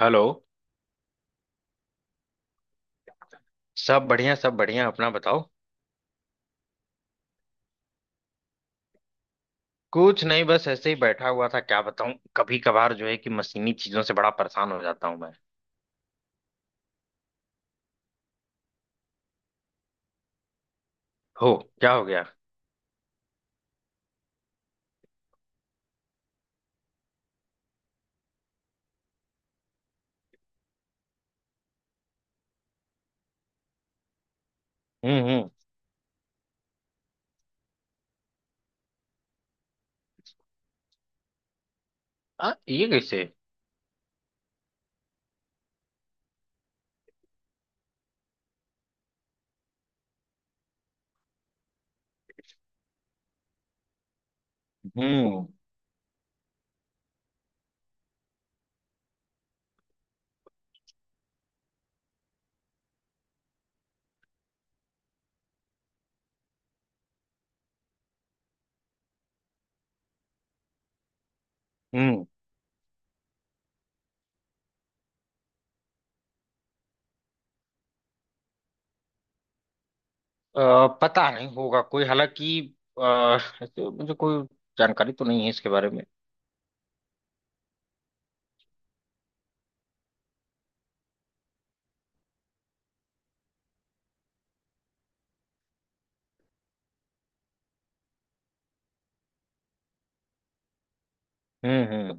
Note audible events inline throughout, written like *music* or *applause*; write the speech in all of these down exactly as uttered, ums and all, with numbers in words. Hello. सब बढ़िया सब बढ़िया, अपना बताओ। कुछ नहीं, बस ऐसे ही बैठा हुआ था। क्या बताऊं, कभी कभार जो है कि मशीनी चीजों से बड़ा परेशान हो जाता हूं मैं। हो। क्या हो गया। हम्म हम्म। आ, ये कैसे। हम्म हम्म। अ, पता नहीं होगा कोई, हालांकि। अ, ऐसे मुझे कोई जानकारी तो नहीं है इसके बारे में। हम्म हम्म।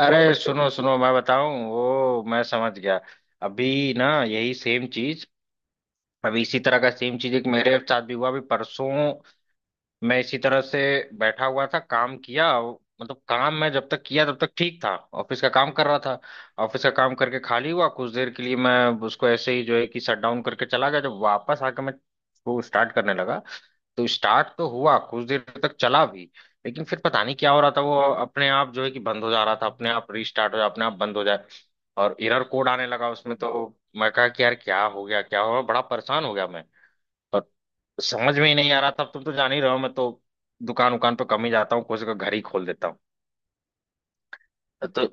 अरे सुनो सुनो, मैं बताऊं, वो मैं समझ गया। अभी ना यही सेम चीज अभी इसी तरह का सेम चीज एक मेरे साथ भी हुआ अभी परसों। मैं इसी तरह से बैठा हुआ था, काम किया। मतलब काम मैं जब तक किया तब तक ठीक था। ऑफिस का काम कर रहा था। ऑफिस का काम करके खाली हुआ कुछ देर के लिए, मैं उसको ऐसे ही जो है कि शट डाउन करके चला गया। जब वापस आके मैं वो स्टार्ट करने लगा। तो स्टार्ट तो हुआ, कुछ देर तक चला भी। लेकिन फिर पता नहीं क्या हो रहा था, वो अपने आप जो है कि बंद हो जा रहा था, अपने आप रीस्टार्ट हो जा, अपने आप बंद हो जाए। और एरर कोड आने लगा उसमें तो। मैं कहा कि यार क्या हो गया क्या हो गया, बड़ा परेशान हो गया मैं। समझ में ही नहीं आ रहा था। अब तुम तो जान ही रहे हो, मैं तो दुकान उकान पे कम ही जाता हूँ, कुछ का घर ही खोल देता हूँ। तो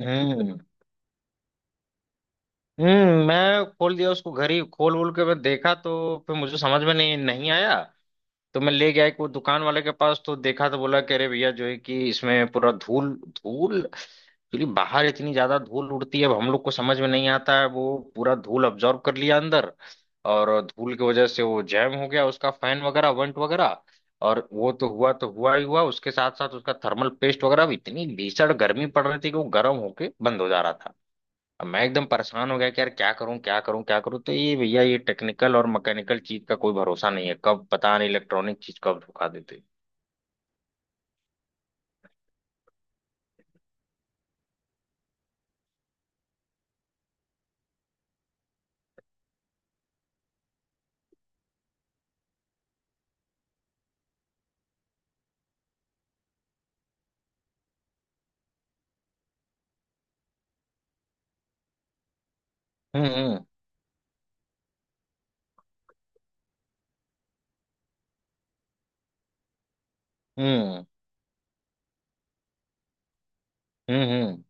हम्म हम्म। मैं खोल दिया उसको घर ही खोल वोल के, मैं देखा तो फिर मुझे समझ में नहीं नहीं आया। तो मैं ले गया एक वो दुकान वाले के पास, तो देखा, तो बोला कि अरे भैया जो है कि इसमें पूरा धूल धूल एक्चुअली, बाहर इतनी ज्यादा धूल उड़ती है, अब हम लोग को समझ में नहीं आता है, वो पूरा धूल अब्जॉर्ब कर लिया अंदर। और धूल की वजह से वो जैम हो गया, उसका फैन वगैरह वंट वगैरह। और वो तो हुआ तो हुआ ही हुआ, उसके साथ साथ उसका थर्मल पेस्ट वगैरह भी, इतनी भीषण गर्मी पड़ रही थी कि वो गर्म होके बंद हो जा रहा था। अब मैं एकदम परेशान हो गया कि यार क्या करूं क्या करूं क्या करूं, तो ये भैया ये टेक्निकल और मैकेनिकल चीज का कोई भरोसा नहीं है, कब पता नहीं इलेक्ट्रॉनिक चीज कब धोखा देते। हम्म हम्म हम्म हम्म हम्म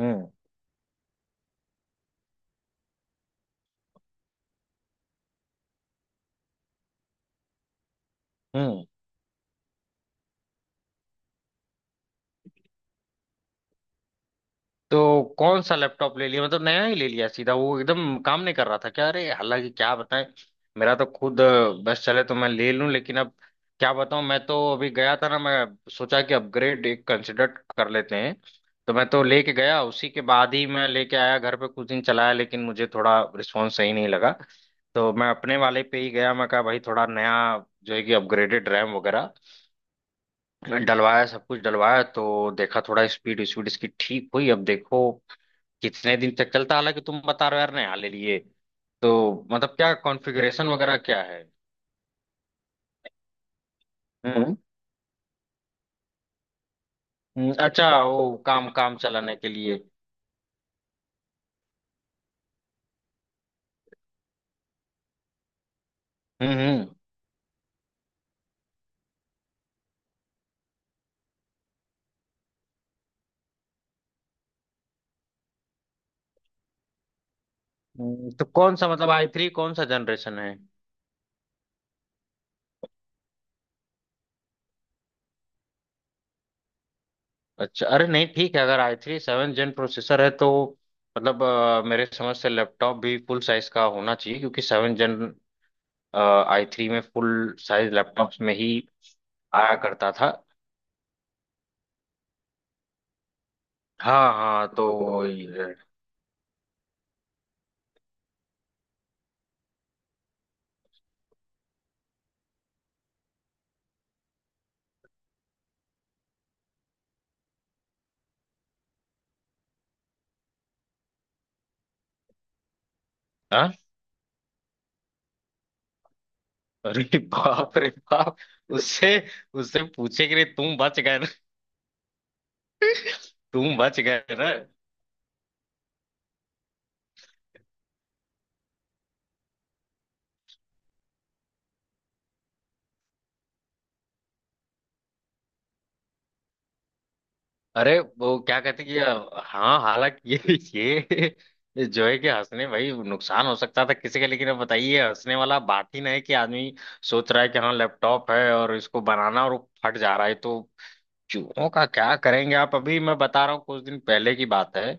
हम्म हम्म। तो कौन सा लैपटॉप ले लिया, मतलब नया ही ले लिया सीधा? वो एकदम काम नहीं कर रहा था क्या? अरे हालांकि क्या बताएं। मेरा तो खुद अ, बस चले तो मैं ले लूं, लेकिन अब क्या बताऊं, मैं तो अभी गया था ना, मैं सोचा कि अपग्रेड एक कंसिडर कर लेते हैं। तो मैं तो लेके गया उसी के बाद ही, मैं लेके आया घर पे, कुछ दिन चलाया लेकिन मुझे थोड़ा रिस्पॉन्स सही नहीं लगा। तो मैं अपने वाले पे ही गया, मैं कहा भाई थोड़ा नया जो है कि अपग्रेडेड रैम वगैरह डलवाया, सब कुछ डलवाया, तो देखा थोड़ा स्पीड स्पीड इसकी ठीक हुई। अब देखो कितने दिन तक चलता है? हालांकि तुम बता रहे हो यार नया ले लिए तो मतलब क्या कॉन्फ़िगरेशन वगैरह क्या है? हम्म हम्म, अच्छा वो काम काम चलाने के लिए। हम्म हम्म हम्म, तो कौन सा मतलब आई थ्री कौन सा जनरेशन है? अच्छा, अरे नहीं ठीक है, अगर I three seven gen processor है तो मतलब अ, मेरे समझ से लैपटॉप भी फुल साइज का होना चाहिए, क्योंकि सेवन जेन आई थ्री में फुल साइज लैपटॉप्स में ही आया करता था। हाँ हाँ तो हाँ। अरे बाप रे बाप, उससे उससे पूछे कि रे तुम बच गए ना, तुम बच गए ना। अरे वो क्या कहते कि हाँ, हालांकि ये ये जो है कि हंसने भाई, नुकसान हो सकता था किसी का, लेकिन अब बताइए हंसने वाला बात ही नहीं है कि आदमी सोच रहा है कि हाँ लैपटॉप है और इसको बनाना और वो फट जा रहा है तो। चूहों का क्या करेंगे आप? अभी मैं बता रहा हूँ, कुछ दिन पहले की बात है।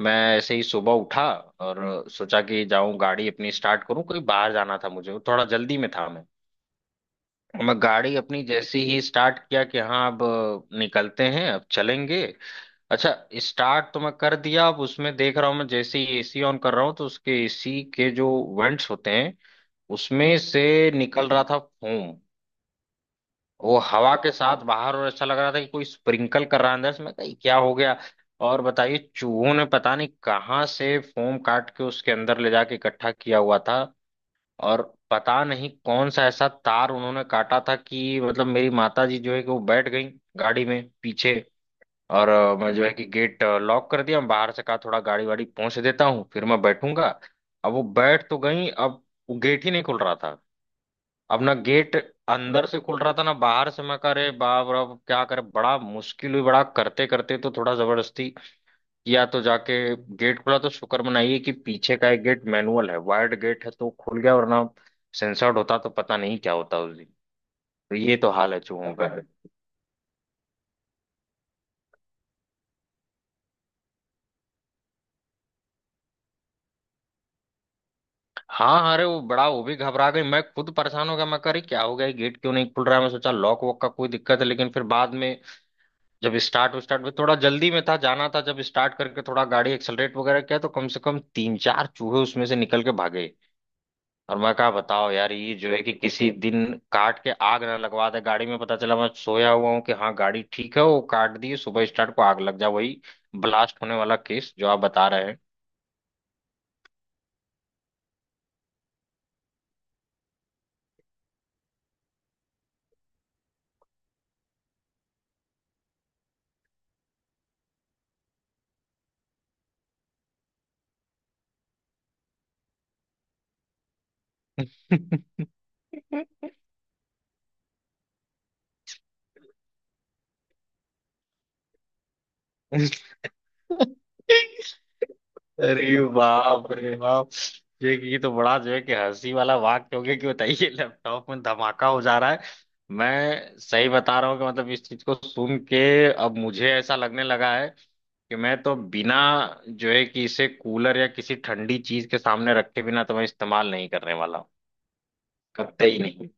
मैं ऐसे ही सुबह उठा और सोचा कि जाऊं गाड़ी अपनी स्टार्ट करूं, कहीं बाहर जाना था मुझे, थोड़ा जल्दी में था मैं। मैं गाड़ी अपनी जैसे ही स्टार्ट किया कि हाँ अब अ, निकलते हैं अब चलेंगे। अच्छा, स्टार्ट तो मैं कर दिया, अब उसमें देख रहा हूँ मैं, जैसे ही एसी ऑन कर रहा हूँ तो उसके एसी के जो वेंट्स होते हैं, उसमें से निकल रहा था फोम। वो हवा के साथ बाहर, और ऐसा लग रहा था कि कोई स्प्रिंकल कर रहा है अंदर से। मैं कही क्या हो गया। और बताइए, चूहों ने पता नहीं कहाँ से फोम काट के उसके अंदर ले जाके इकट्ठा किया हुआ था। और पता नहीं कौन सा ऐसा तार उन्होंने काटा था कि मतलब मेरी माता जी जो है कि वो बैठ गई गाड़ी में पीछे। और अ, मैं जो है कि गेट लॉक कर दिया बाहर से, कहा थोड़ा गाड़ी वाड़ी पहुंच देता हूँ, फिर मैं बैठूंगा। अब वो बैठ तो गई, अब वो गेट ही नहीं खुल रहा था। अब ना गेट अंदर से खुल रहा था ना बाहर से, मैं कह रहे बाप रे, अब क्या करे, बड़ा मुश्किल हुई, बड़ा करते करते तो थोड़ा जबरदस्ती या तो जाके गेट खुला तो शुक्र मनाइए कि पीछे का एक गेट मैनुअल है, वायर्ड गेट है तो खुल गया, वरना सेंसर्ड होता तो पता नहीं क्या होता उस दिन। तो ये तो हाल है चूहों का। हाँ, अरे वो बड़ा वो भी घबरा गई, मैं खुद परेशान हो गया, मैं कह रही क्या हो गया, ये गेट क्यों नहीं खुल रहा है, मैं सोचा लॉक वॉक का कोई दिक्कत है, लेकिन फिर बाद में जब स्टार्ट स्टार्ट में थोड़ा जल्दी में था, जाना था, जब स्टार्ट करके थोड़ा गाड़ी एक्सलरेट वगैरह किया तो कम से कम तीन चार चूहे उसमें से निकल के भागे। और मैं कहा बताओ यार ये जो है कि किसी दिन काट के आग ना लगवा दे गाड़ी में, पता चला मैं सोया हुआ हूँ कि हाँ गाड़ी ठीक है, वो काट दी सुबह, स्टार्ट को आग लग जा, वही ब्लास्ट होने वाला केस जो आप बता रहे हैं। *laughs* अरे बाप रे बाप। ये ये तो बड़ा जो है कि हंसी वाला वाक्य हो गया कि बताइए लैपटॉप में धमाका हो जा रहा है। मैं सही बता रहा हूँ कि मतलब इस चीज को सुन के अब मुझे ऐसा लगने लगा है कि मैं तो बिना जो है कि इसे कूलर या किसी ठंडी चीज के सामने रखे बिना तो मैं इस्तेमाल नहीं करने वाला हूँ। कतई नहीं।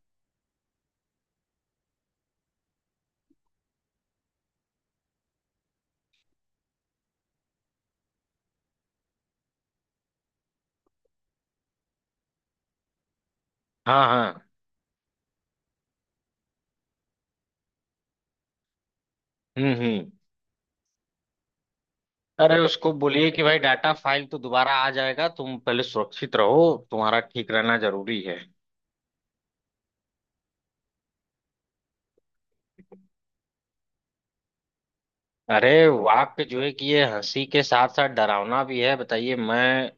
हाँ हाँ। हम्म हम्म। अरे उसको बोलिए कि भाई डाटा फाइल तो दोबारा आ जाएगा, तुम पहले सुरक्षित रहो, तुम्हारा ठीक रहना जरूरी है। अरे वाक्य जो है कि ये हंसी के साथ साथ डरावना भी है, बताइए मैं।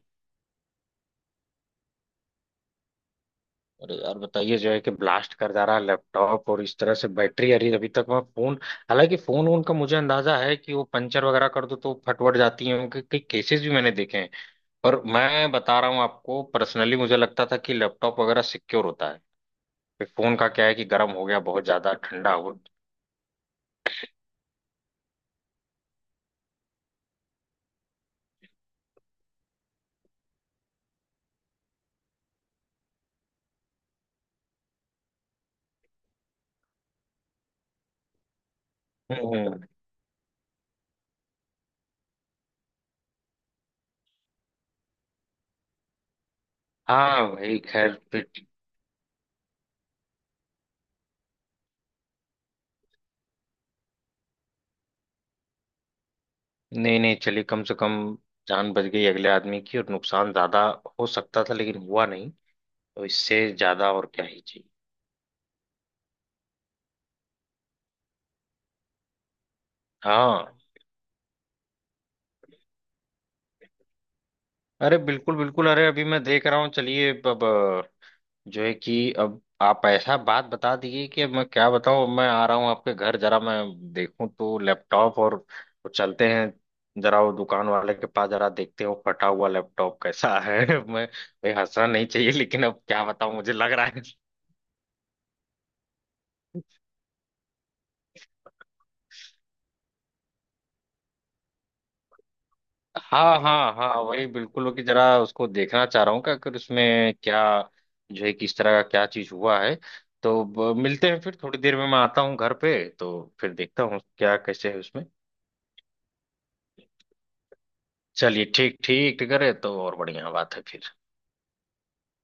अरे यार बताइए जो है कि ब्लास्ट कर जा रहा है लैपटॉप और इस तरह से बैटरी, अरे अभी तक मैं फोन, हालांकि फोन वोन का मुझे अंदाजा है कि वो पंचर वगैरह कर दो तो फटवट जाती है, उनके कई केसेस भी मैंने देखे हैं। पर मैं बता रहा हूँ आपको, पर्सनली मुझे लगता था कि लैपटॉप वगैरह सिक्योर होता है। फिर फोन का क्या है कि गर्म हो गया बहुत ज्यादा, ठंडा हो हम्म हम्म। हाँ भाई खैर। नहीं नहीं, चलिए कम से कम जान बच गई अगले आदमी की, और नुकसान ज्यादा हो सकता था लेकिन हुआ नहीं। तो इससे ज्यादा और क्या ही चाहिए। हाँ। अरे बिल्कुल बिल्कुल, अरे अभी मैं देख रहा हूँ, चलिए अब अ, जो है कि अब आप ऐसा बात बता दीजिए कि अब मैं क्या बताऊँ, मैं आ रहा हूँ आपके घर, जरा मैं देखूँ तो लैपटॉप, और और चलते हैं जरा वो दुकान वाले के पास, जरा देखते हैं वो फटा हुआ लैपटॉप कैसा है। *laughs* मैं भाई हंसना नहीं चाहिए लेकिन अब क्या बताऊँ, मुझे लग रहा है। हाँ हाँ हाँ, वही बिल्कुल वो कि जरा उसको देखना चाह रहा हूँ कि अगर उसमें क्या जो है किस तरह का क्या चीज हुआ है। तो ब- मिलते हैं फिर थोड़ी देर में, मैं आता हूँ घर पे। तो फिर देखता हूँ क्या कैसे है उसमें। चलिए ठीक ठीक ठीक है तो, और बढ़िया बात है फिर।